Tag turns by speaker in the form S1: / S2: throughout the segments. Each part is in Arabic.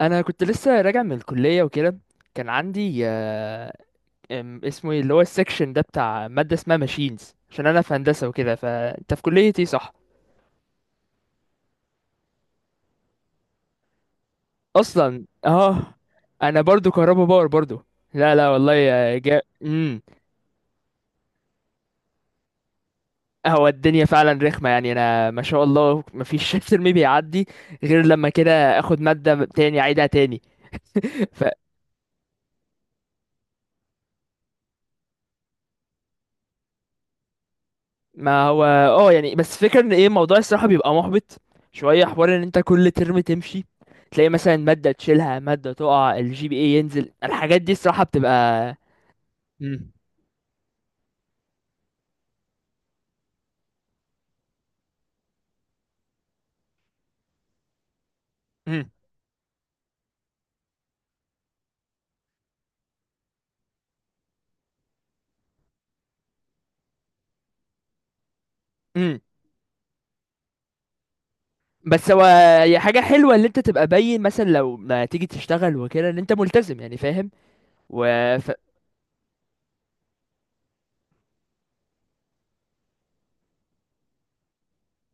S1: انا كنت لسه راجع من الكليه وكده. كان عندي اسمه ايه اللي هو السكشن ده بتاع ماده اسمها ماشينز، عشان انا في هندسه وكده. فانت في كليه ايه؟ صح. اصلا انا برضو كهربا باور برضو. لا، لا والله يا جا. هو الدنيا فعلا رخمه يعني، انا ما شاء الله مفيش ترم بيعدي غير لما كده اخد ماده تاني اعيدها تاني. ما هو يعني بس فكرة ان ايه، الموضوع الصراحة بيبقى محبط. شوية حوار ان انت كل ترم تمشي، تلاقي مثلا مادة تشيلها، مادة تقع، الجي بي اي ينزل، الحاجات دي الصراحة بتبقى. مم. مم. مم. بس هي حاجة حلوة ان انت تبقى باين، مثلا لو ما تيجي تشتغل وكده، ان انت ملتزم يعني فاهم. و ف...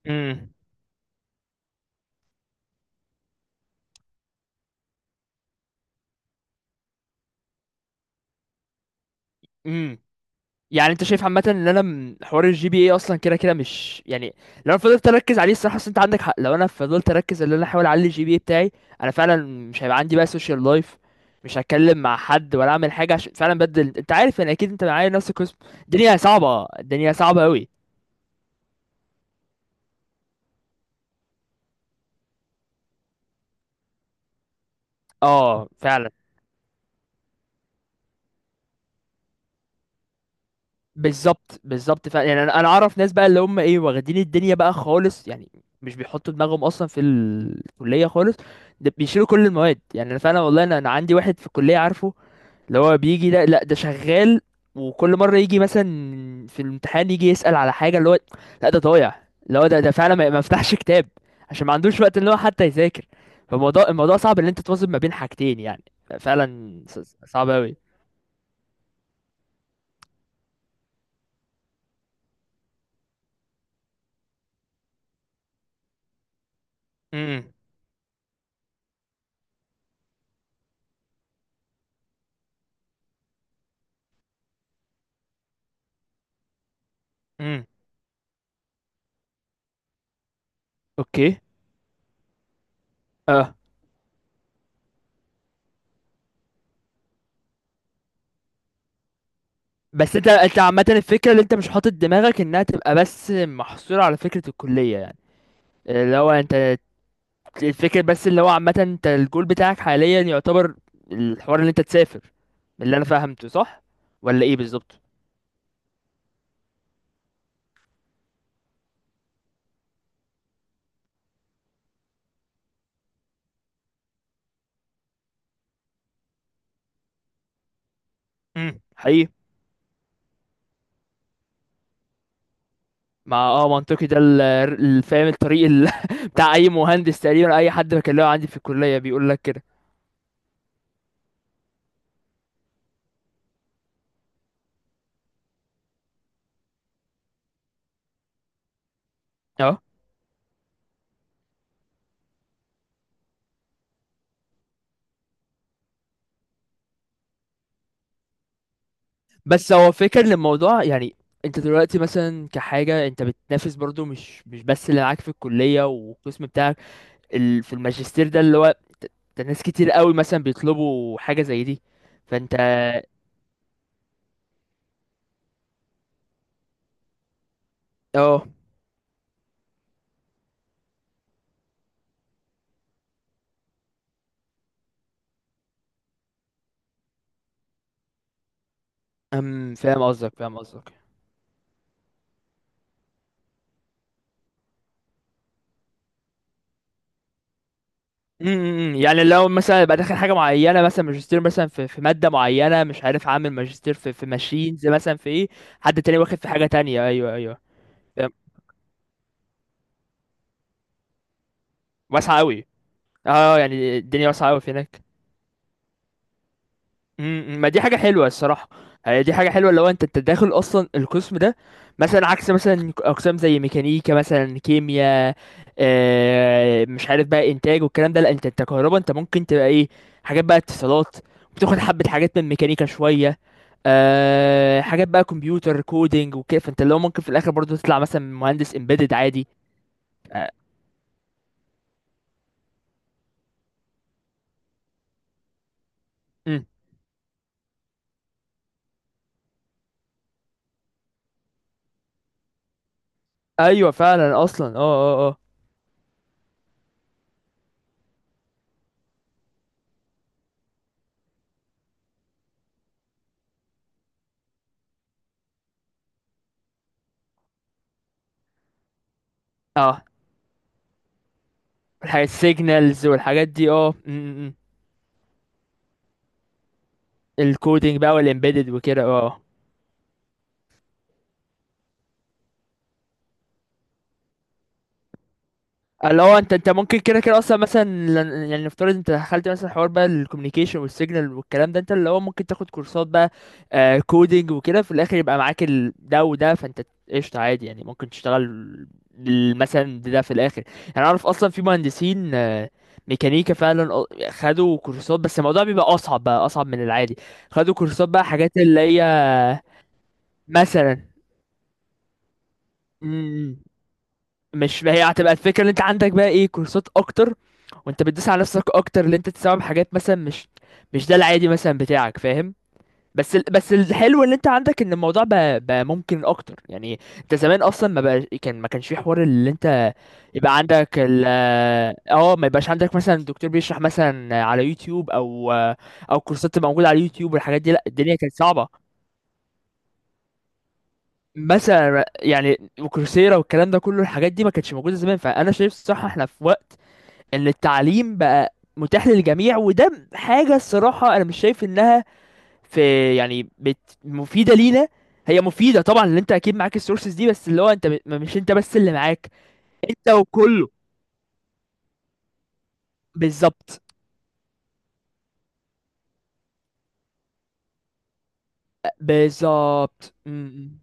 S1: مم. مم. يعني انت شايف عامه ان انا حوار الجي بي اي اصلا كده كده مش يعني، لو انا فضلت اركز عليه الصراحه، اصل انت عندك حق. لو انا فضلت اركز ان انا احاول اعلي الجي بي اي بتاعي، انا فعلا مش هيبقى عندي بقى سوشيال لايف، مش هتكلم مع حد ولا اعمل حاجه، عشان فعلا بدل، انت عارف يعني، اكيد انت معايا نفس القسم. الدنيا صعبه، الدنيا صعبه قوي. اه فعلا. بالظبط بالظبط فعلا يعني، انا اعرف ناس بقى اللي هم ايه واخدين الدنيا بقى خالص يعني، مش بيحطوا دماغهم اصلا في الكليه خالص، ده بيشيلوا كل المواد. يعني انا فعلا والله، انا عندي واحد في الكليه عارفه، اللي هو بيجي ده، لا ده شغال، وكل مرة يجي مثلا في الامتحان يجي يسأل على حاجة، اللي هو لا ده ضايع، اللي هو ده فعلا ما فتحش كتاب، عشان ما عندوش وقت اللي هو حتى يذاكر. الموضوع صعب ان انت توازن ما بين حاجتين يعني. فعلا صعب اوي. امم. امم. اوكي. اه. بس انت عامة الفكرة اللي انت مش حاطط دماغك انها تبقى بس محصورة على فكرة الكلية يعني. اللي هو انت، الفكرة بس اللي هو عامة، انت الجول بتاعك حاليا يعتبر الحوار اللي انت تسافر، من اللي انا فهمته صح، ولا ايه بالظبط؟ حقيقي. مع منطقي، ده فاهم الطريق بتاع اي مهندس تقريبا. اي حد بكلمه عندي في الكلية بيقول لك كده. اه بس هو فكر للموضوع يعني. انت دلوقتي مثلا كحاجة انت بتنافس برضو مش بس اللي معاك في الكلية والقسم بتاعك. في الماجستير ده اللي هو ده ناس كتير قوي مثلا بيطلبوا حاجة زي دي. فانت اه. امم، فاهم قصدك فاهم قصدك. امم، يعني لو مثلا يبقى داخل حاجه معينه، مثلا ماجستير مثلا في ماده معينه، مش عارف، عامل ماجستير في ماشينز مثلا، في ايه، حد تاني واخد في حاجه تانية. ايوه، ايوه فاهم. واسعه قوي. اه يعني الدنيا واسعه قوي في هناك. امم، ما دي حاجة حلوة الصراحة. هي دي حاجة حلوة لو انت داخل اصلا القسم ده، مثلا عكس مثلا اقسام زي ميكانيكا مثلا كيمياء. آه مش عارف بقى انتاج والكلام ده. لا انت كهربا، انت ممكن تبقى ايه، حاجات بقى اتصالات، بتاخد حبة حاجات من ميكانيكا شوية، آه حاجات بقى كمبيوتر كودينج وكده، فانت لو ممكن في الاخر برضه تطلع مثلا مهندس امبيدد عادي. آه. مم. ايوه فعلا اصلا اه اه اه. اه الحاجات السيجنالز والحاجات دي اه، مم، مم. الكودينج بقى والامبيدد وكده اه. اللي هو انت ممكن كده كده اصلا مثلا يعني نفترض انت دخلت مثلا حوار بقى الكوميونيكيشن والسيجنال والكلام ده، انت اللي هو ممكن تاخد كورسات بقى آه كودينج وكده، في الاخر يبقى معاك ده وده. فانت قشطة عادي يعني، ممكن تشتغل مثلا ده في الاخر. يعني اعرف اصلا في مهندسين آه ميكانيكا فعلا خدوا كورسات، بس الموضوع بيبقى اصعب بقى، اصعب من العادي، خدوا كورسات بقى حاجات اللي هي مثلا. مم. مش ما هي هتبقى الفكره ان انت عندك بقى ايه كورسات اكتر، وانت بتدوس على نفسك اكتر اللي انت تستوعب حاجات مثلا، مش ده العادي مثلا بتاعك فاهم. بس بس الحلو ان انت عندك ان الموضوع بقى ممكن اكتر يعني. انت زمان اصلا ما بقى كان ما كانش في حوار اللي انت يبقى عندك ال اه ما يبقاش عندك مثلا دكتور بيشرح مثلا على يوتيوب، او كورسات تبقى موجوده على يوتيوب والحاجات دي. لا الدنيا كانت صعبه. مثلا يعني وكورسيرا والكلام ده كله الحاجات دي ما كانتش موجوده زمان. فانا شايف الصراحه احنا في وقت ان التعليم بقى متاح للجميع، وده حاجة الصراحة انا مش شايف انها في يعني بت مفيدة لينا. هي مفيدة طبعا اللي انت اكيد معاك السورسز دي، بس اللي هو انت مش انت بس اللي معاك انت وكله. بالظبط، بالظبط م- م.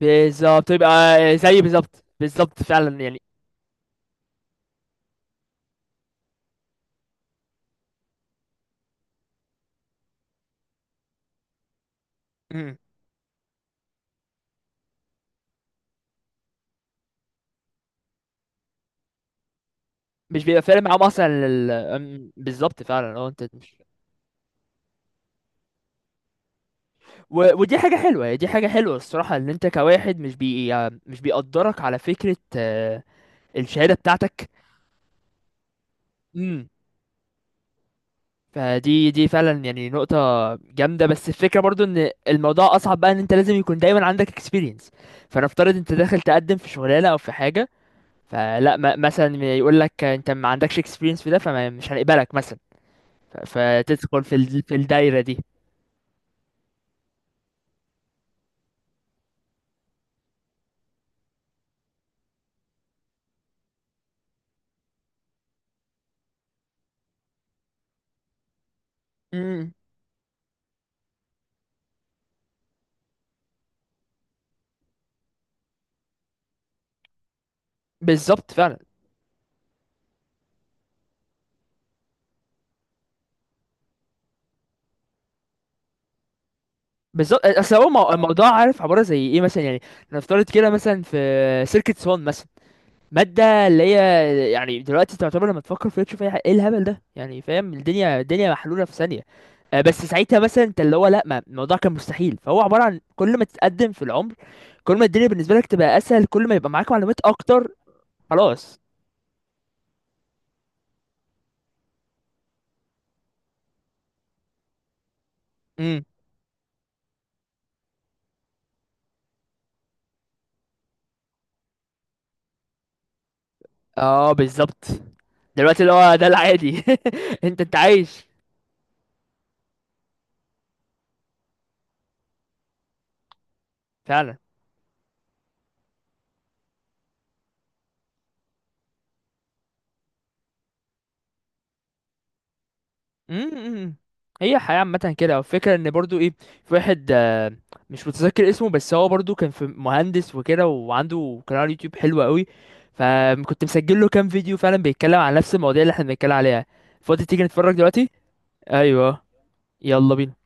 S1: بالظبط يبقى زي، بالظبط بالظبط فعلا يعني. م. مش بيبقى فارق معاهم اصلا بالظبط فعلا اه انت مش. ودي حاجة حلوة، دي حاجة حلوة الصراحة ان انت كواحد مش يعني، مش بيقدرك على فكرة الشهاده بتاعتك. امم، فدي دي فعلا يعني نقطة جامدة. بس الفكرة برضو ان الموضوع اصعب بقى، ان انت لازم يكون دايما عندك experience. فنفترض انت داخل تقدم في شغلانة او في حاجة، فلا مثلا يقول لك انت ما عندكش experience في ده، فمش هنقبلك مثلا. فتدخل في في الدايرة دي. امم بالظبط فعلا. بالظبط، اصل هو الموضوع عارف عبارة زي ايه مثلا يعني. نفترض كده مثلا في سيركت سوان مثلا، مادة اللي هي يعني دلوقتي تعتبر، لما تفكر فيها تشوف ايه، إيه الهبل ده يعني فاهم، الدنيا محلولة في ثانية. بس ساعتها مثلا انت اللي هو لا، ما الموضوع كان مستحيل. فهو عبارة عن كل ما تتقدم في العمر، كل ما الدنيا بالنسبة لك تبقى اسهل، كل ما يبقى معاك معلومات اكتر. خلاص. امم. اه بالظبط. دلوقتي اللي هو ده العادي. انت عايش فعلا. امم. هي الحياة عامة كده. والفكرة ان برضو ايه، في واحد مش متذكر اسمه، بس هو برضو كان في مهندس وكده، وعنده قناة على اليوتيوب حلوة قوي. فكنت مسجل له كام فيديو فعلا بيتكلم عن نفس المواضيع اللي احنا بنتكلم عليها. فاضي تيجي نتفرج دلوقتي؟ ايوه، يلا بينا.